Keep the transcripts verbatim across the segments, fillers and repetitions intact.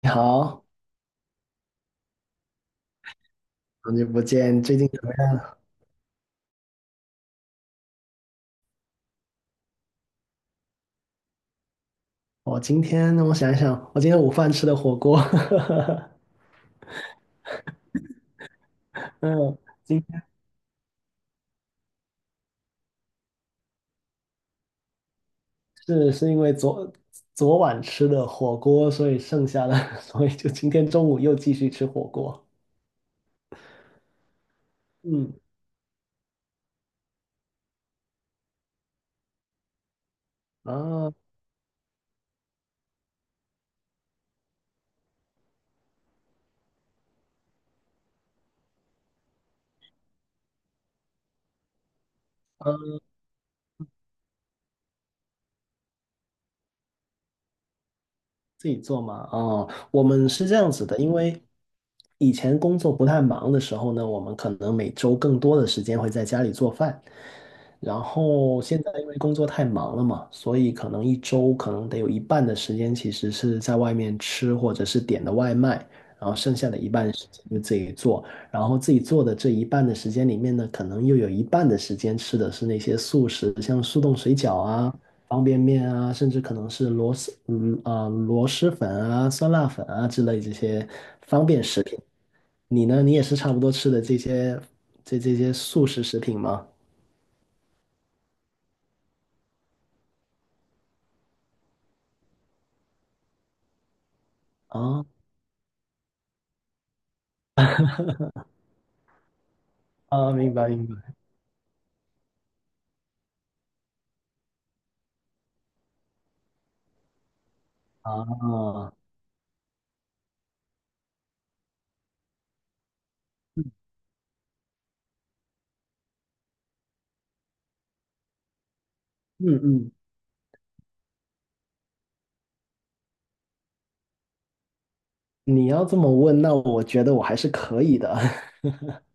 你好，好久不见，最近怎么样？我今天我想一想，我今天午饭吃的火锅，嗯，今天是是因为昨昨晚吃的火锅，所以剩下的，所以就今天中午又继续吃火锅。嗯啊，自己做嘛？哦，我们是这样子的，因为以前工作不太忙的时候呢，我们可能每周更多的时间会在家里做饭，然后现在因为工作太忙了嘛，所以可能一周可能得有一半的时间其实是在外面吃或者是点的外卖，然后剩下的一半时间就自己做，然后自己做的这一半的时间里面呢，可能又有一半的时间吃的是那些速食，像速冻水饺啊。方便面啊，甚至可能是螺蛳，嗯啊、螺蛳粉啊、酸辣粉啊之类这些方便食品。你呢？你也是差不多吃的这些这这些速食食品吗？啊啊，明白明白啊，嗯嗯，你要这么问，那我觉得我还是可以的。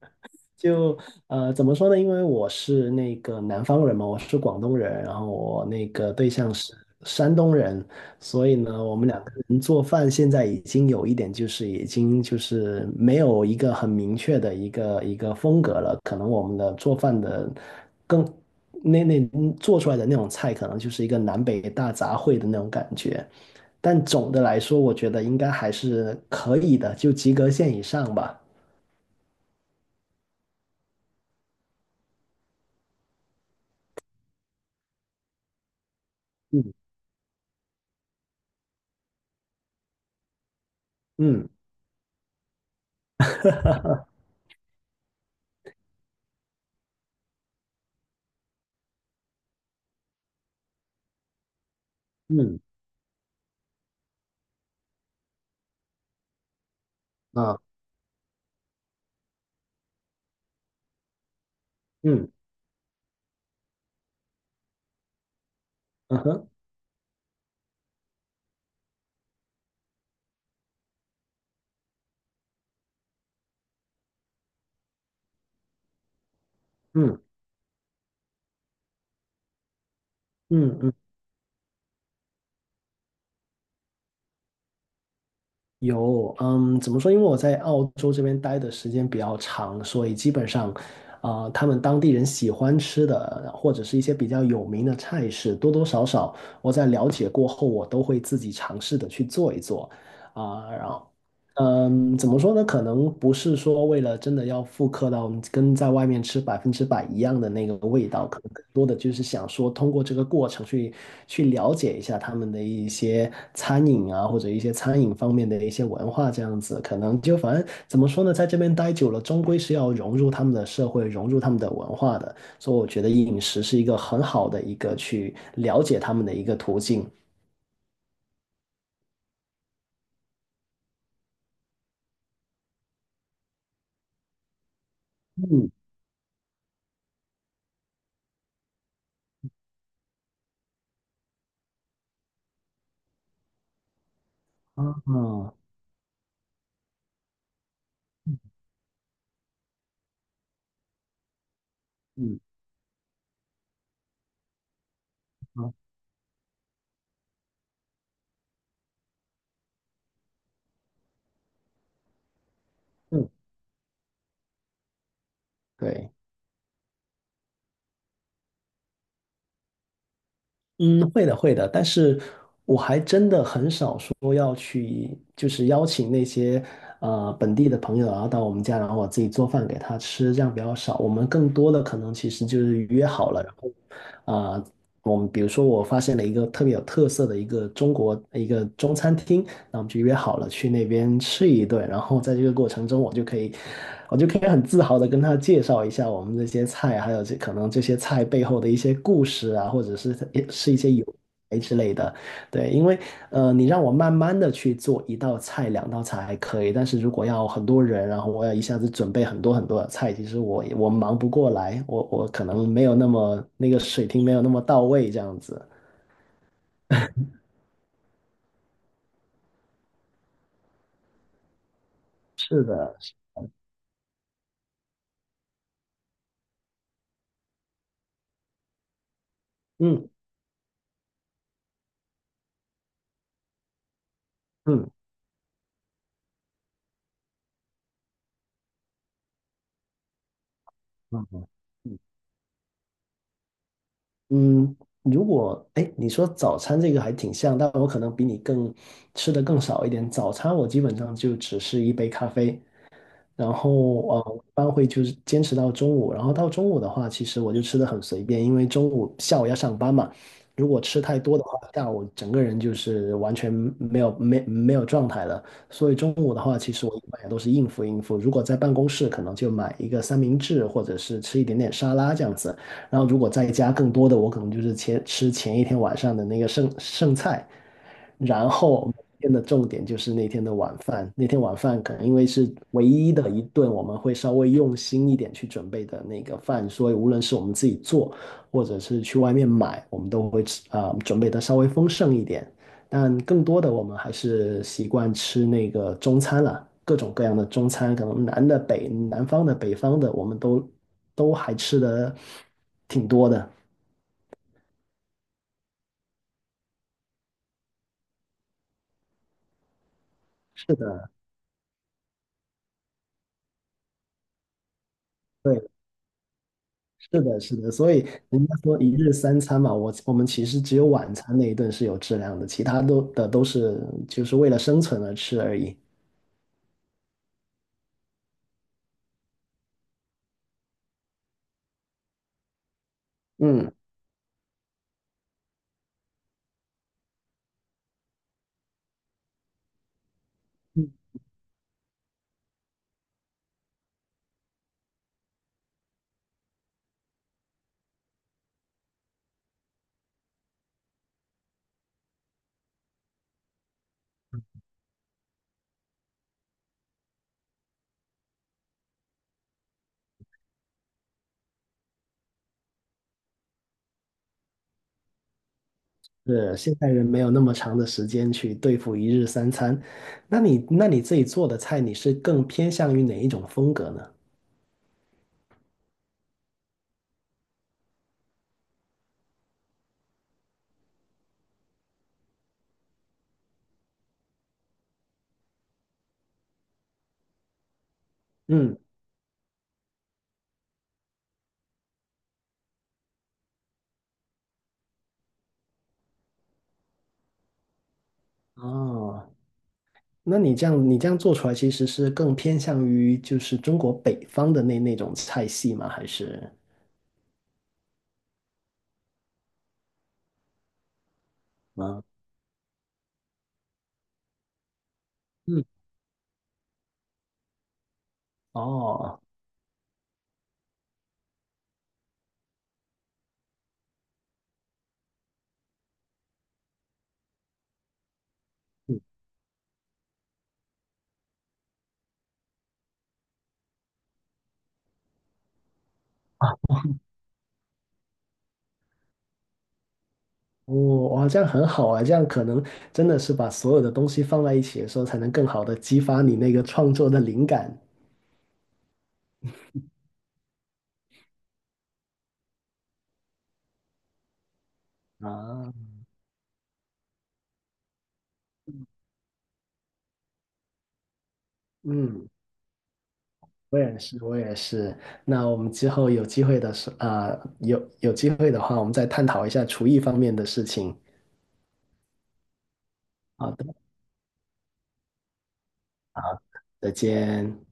就呃，怎么说呢？因为我是那个南方人嘛，我是广东人，然后我那个对象是山东人，所以呢，我们两个人做饭现在已经有一点就是已经就是没有一个很明确的一个一个风格了，可能我们的做饭的更那那做出来的那种菜，可能就是一个南北大杂烩的那种感觉。但总的来说，我觉得应该还是可以的，就及格线以上吧。嗯嗯。嗯啊，嗯嗯哼，嗯嗯嗯，有，嗯，怎么说？因为我在澳洲这边待的时间比较长，所以基本上，啊、他们当地人喜欢吃的或者是一些比较有名的菜式，多多少少我在了解过后，我都会自己尝试的去做一做，啊、然后。嗯，怎么说呢？可能不是说为了真的要复刻到跟在外面吃百分之百一样的那个味道，可能更多的就是想说通过这个过程去去了解一下他们的一些餐饮啊，或者一些餐饮方面的一些文化这样子。可能就反正怎么说呢，在这边待久了，终归是要融入他们的社会，融入他们的文化的。所以我觉得饮食是一个很好的一个去了解他们的一个途径。嗯，啊，嗯，啊，好嗯，对。嗯，会的，会的，但是我还真的很少说要去，就是邀请那些呃本地的朋友，啊到我们家，然后我自己做饭给他吃，这样比较少。我们更多的可能其实就是约好了，然后啊、呃我们比如说，我发现了一个特别有特色的一个中国呃一个中餐厅，那我们就约好了去那边吃一顿。然后在这个过程中，我就可以，我就可以很自豪的跟他介绍一下我们这些菜，还有这可能这些菜背后的一些故事啊，或者是是一些由来之类的。对，因为呃，你让我慢慢的去做一道菜、两道菜还可以，但是如果要很多人，然后我要一下子准备很多很多的菜，其实我我忙不过来，我我可能没有那么那个水平没有那么到位，这样子。是的，嗯嗯嗯嗯，嗯如果哎，你说早餐这个还挺像，但我可能比你更吃的更少一点。早餐我基本上就只是一杯咖啡，然后呃，我一般会就是坚持到中午，然后到中午的话，其实我就吃的很随便，因为中午下午要上班嘛，如果吃太多的话，下午整个人就是完全没有没没有状态了，所以中午的话，其实我一般也都是应付应付。如果在办公室，可能就买一个三明治，或者是吃一点点沙拉这样子，然后如果在家更多的，我可能就是前吃前一天晚上的那个剩剩菜。然后每天的重点就是那天的晚饭，那天晚饭可能因为是唯一的一顿我们会稍微用心一点去准备的那个饭，所以无论是我们自己做，或者是去外面买，我们都会吃啊、呃准备的稍微丰盛一点。但更多的我们还是习惯吃那个中餐了，各种各样的中餐，可能南的北、南方的、北方的，我们都都还吃的挺多的。是的，对，是的，是的，所以人家说一日三餐嘛，我我们其实只有晚餐那一顿是有质量的，其他都的都是就是为了生存而吃而已。嗯，是，现代人没有那么长的时间去对付一日三餐。那你那你自己做的菜，你是更偏向于哪一种风格呢？嗯，哦，那你这样你这样做出来，其实是更偏向于就是中国北方的那那种菜系吗？还是？嗯嗯，哦。嗯哦，哇，这样很好啊！这样可能真的是把所有的东西放在一起的时候，才能更好的激发你那个创作的灵感啊。嗯，我也是，我也是。那我们之后有机会的时啊、有有机会的话，我们再探讨一下厨艺方面的事情。好的，好，再见。